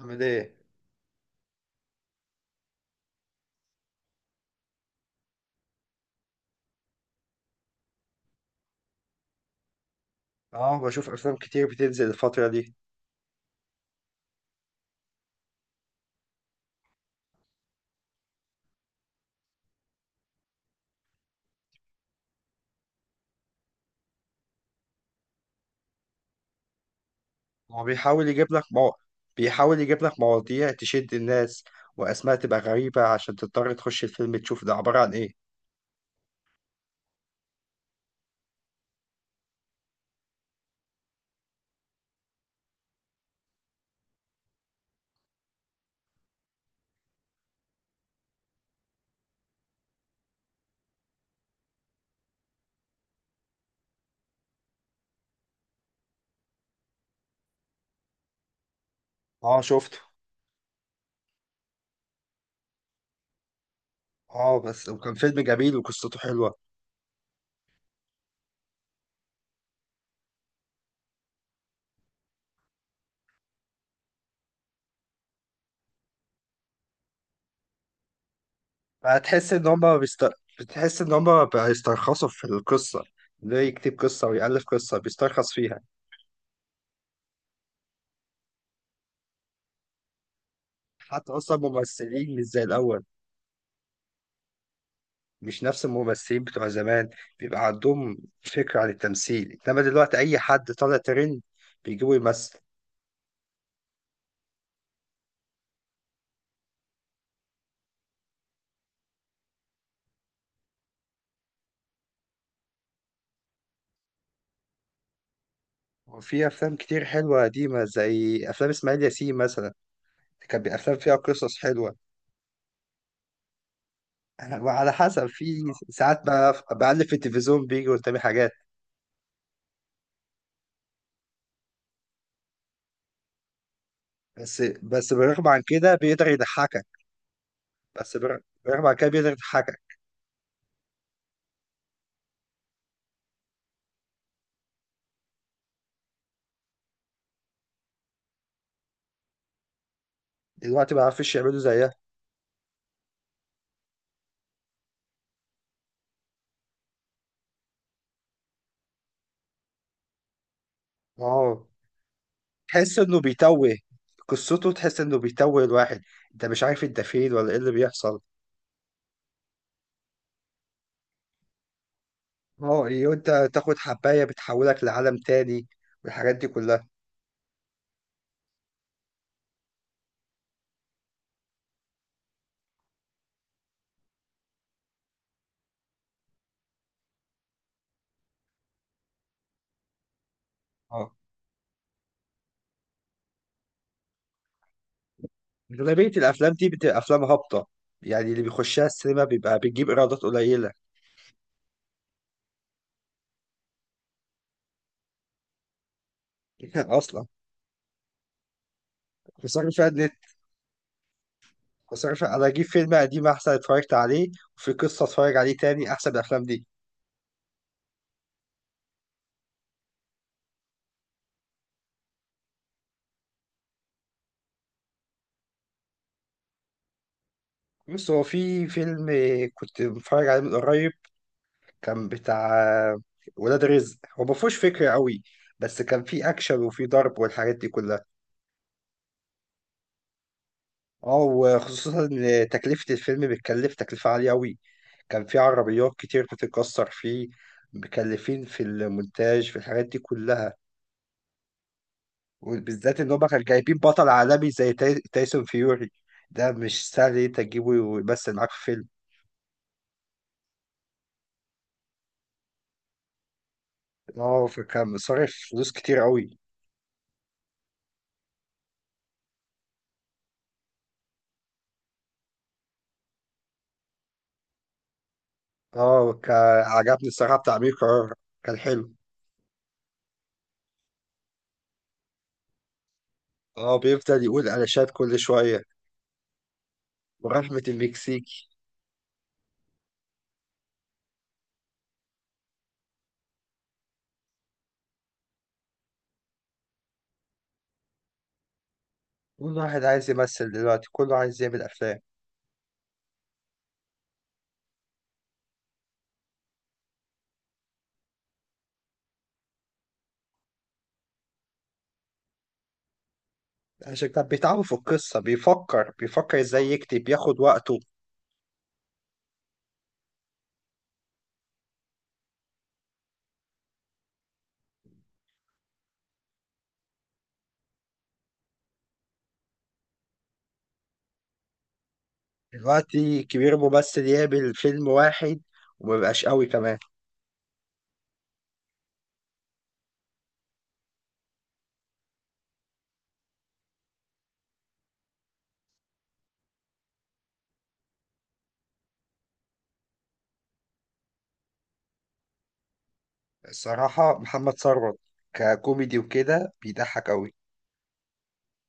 عامل ايه؟ اه، بشوف افلام كتير بتنزل الفترة دي. هو بيحاول يجيب لك بيحاول يجيب لك مواضيع تشد الناس، واسماء تبقى غريبة عشان تضطر تخش الفيلم تشوف ده عبارة عن ايه. اه شفته. اه بس وكان فيلم جميل وقصته حلوة. هتحس ان هما بيست... بتحس ان هما بيسترخصوا في القصة، ده يكتب قصة ويألف قصة بيسترخص فيها. حتى اصلا ممثلين مش زي الاول، مش نفس الممثلين بتوع زمان. بيبقى عندهم فكرة عن التمثيل، إنما دلوقتي أي حد طالع ترند بيجيبه يمثل. وفي أفلام كتير حلوة قديمة زي أفلام إسماعيل ياسين مثلا. أفلام فيها قصص حلوة. وعلى حسب في ساعات بقى بقلب في التلفزيون بيجي قدامي حاجات. بس بالرغم عن كده بيقدر يضحكك. بالرغم عن كده بيقدر يضحكك. دلوقتي ما عرفش يعملوا زيها. اه تحس انه بيتوه، قصته تحس انه بيتوه الواحد، انت مش عارف انت فين ولا ايه اللي بيحصل. اه إيه وانت تاخد حباية بتحولك لعالم تاني والحاجات دي كلها. اه أغلبية الأفلام دي بتبقى أفلام هابطة، يعني اللي بيخشها السينما بيبقى بتجيب إيرادات قليلة. أصلا بصرف على النت، بصرف أنا أجيب فيلم قديم أحسن اتفرجت عليه وفي قصة اتفرج عليه تاني أحسن من الأفلام دي. بص هو في فيلم كنت بتفرج عليه من قريب، كان بتاع ولاد رزق. هو ما فيهوش فكرة قوي بس كان فيه أكشن وفيه ضرب والحاجات دي كلها. اه وخصوصا إن تكلفة الفيلم بتكلف تكلفة عالية قوي، كان فيه عربيات كتير بتتكسر فيه، مكلفين في المونتاج في الحاجات دي كلها. وبالذات إن هما كانوا جايبين بطل عالمي زي تايسون فيوري، ده مش سهل إن أنت تجيبه ويمثل معاك في فيلم. اه فكان صارف فلوس كتير قوي. اه كان عجبني الصراحة بتاع أمير قرار، كان حلو. اه بيفضل يقول علاشات كل شوية. ورحمة المكسيكي. كل واحد عايز يمثل دلوقتي، كله عايز يعمل أفلام. عشان كده بيتعبوا في القصة، بيفكر ازاي يكتب ياخد وقته. دلوقتي كبير ممثل يعمل فيلم واحد، ومبقاش قوي كمان. الصراحة محمد ثروت، ككوميدي وكده بيضحك قوي.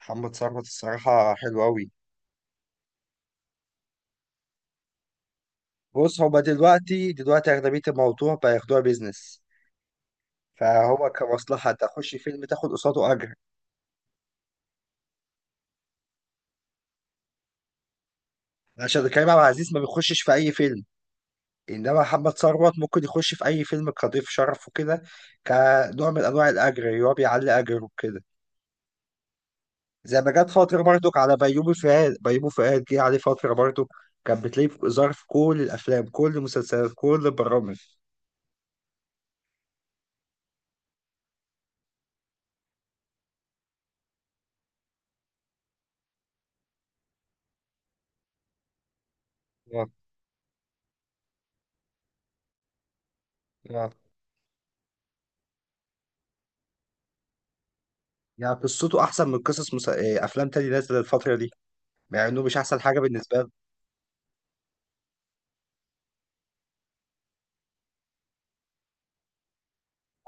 محمد ثروت الصراحة حلو قوي. بص هما دلوقتي أغلبية الموضوع بياخدوها بيزنس، فهو كمصلحة تخش فيلم تاخد قصاده أجر. عشان كريم عبد العزيز ما بيخشش في اي فيلم، انما محمد ثروت ممكن يخش في اي فيلم كضيف شرف وكده، كنوع من انواع الاجر اللي هو بيعلي اجره كده. زي ما جت فتره برضك على بيومي فؤاد، بيومي فؤاد جه عليه فتره برضك، كان بتلاقيه ظهر في كل الافلام كل المسلسلات كل البرامج. اه اه يعني قصته احسن من قصص مس... آه، افلام تاني نازله الفتره دي، مع انه مش احسن حاجه بالنسبه.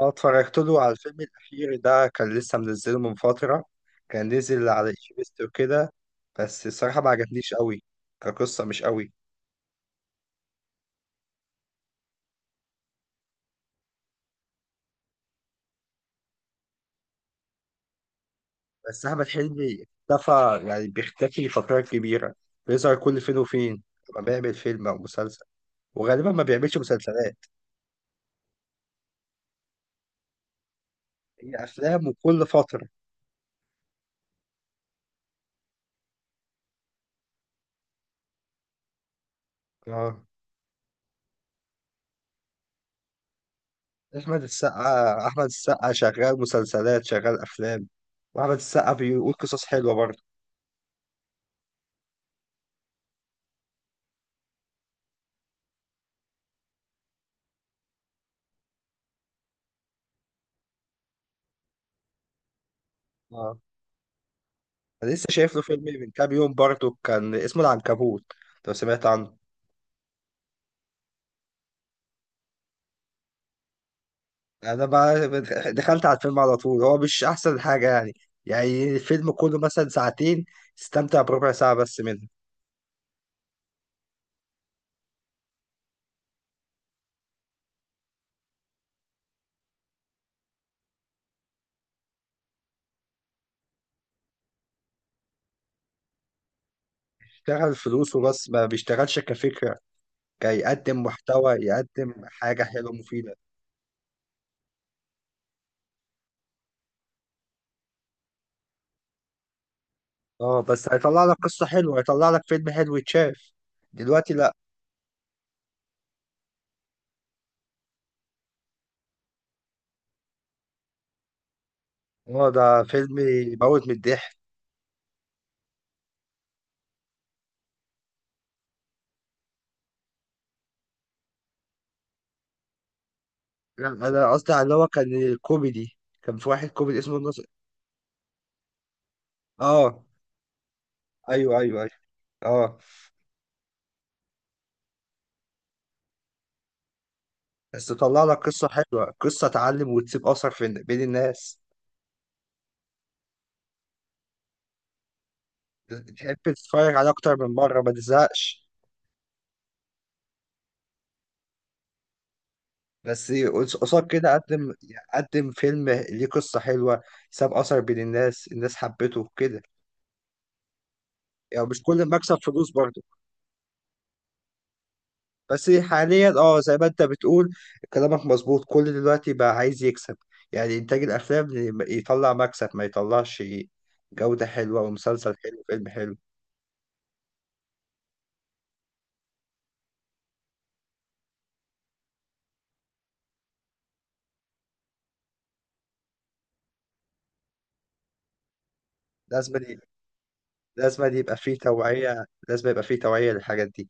اه اتفرجت له على الفيلم الأخير ده، كان لسه منزله من فترة، كان نزل على إيجيبست وكده، بس الصراحة ما عجبنيش قوي، كقصة مش قوي. بس أحمد حلمي اختفى، يعني بيختفي فترات كبيرة، بيظهر كل فين وفين لما بيعمل فيلم أو مسلسل. وغالبا ما بيعملش مسلسلات، هي أفلام وكل فترة. اه أحمد السقا، أحمد السقا شغال مسلسلات شغال أفلام، وأحمد السقا بيقول قصص حلوة برضه. اه انا لسه شايف له فيلم من كام يوم برضه، كان اسمه العنكبوت، لو سمعت عنه. انا بقى دخلت على الفيلم على طول، هو مش احسن حاجه يعني، يعني الفيلم كله مثلا ساعتين، استمتع بربع ساعه بس منه. اشتغل فلوس وبس، ما بيشتغلش كفكره، كيقدم محتوى يقدم حاجه حلوه مفيده. اه بس هيطلع لك قصه حلوه، هيطلع لك فيلم حلو يتشاف. دلوقتي لا. اه ده فيلم يموت من الضحك. لا، انا قصدي على اللي هو كان كوميدي، كان في واحد كوميدي اسمه الناصر. اه ايوه ايوه ايوه. اه بس تطلع لك قصه حلوه، قصه تعلم وتسيب اثر في بين الناس، تحب تتفرج على اكتر من مره ما تزهقش. بس قصاد كده قدم فيلم ليه قصه حلوه، ساب اثر بين الناس، الناس حبته كده. يعني مش كل المكسب فلوس برضه. بس حاليا اه زي ما انت بتقول، كلامك مظبوط، كل دلوقتي بقى عايز يكسب، يعني انتاج الافلام يطلع مكسب ما يطلعش، جوده حلوه ومسلسل حلو فيلم حلو. لازم لازم يبقى فيه توعية، لازم يبقى فيه توعية للحاجات دي.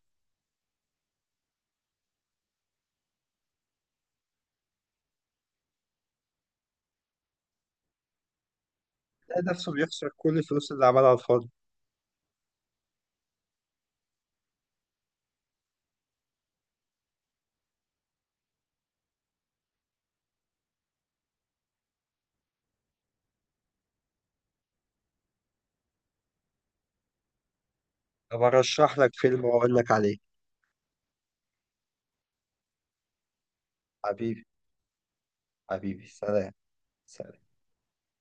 تلاقي نفسه بيخسر كل الفلوس اللي عملها على الفاضي. طب أرشح لك فيلم وأقول لك عليه. حبيبي، حبيبي سلام. سلام.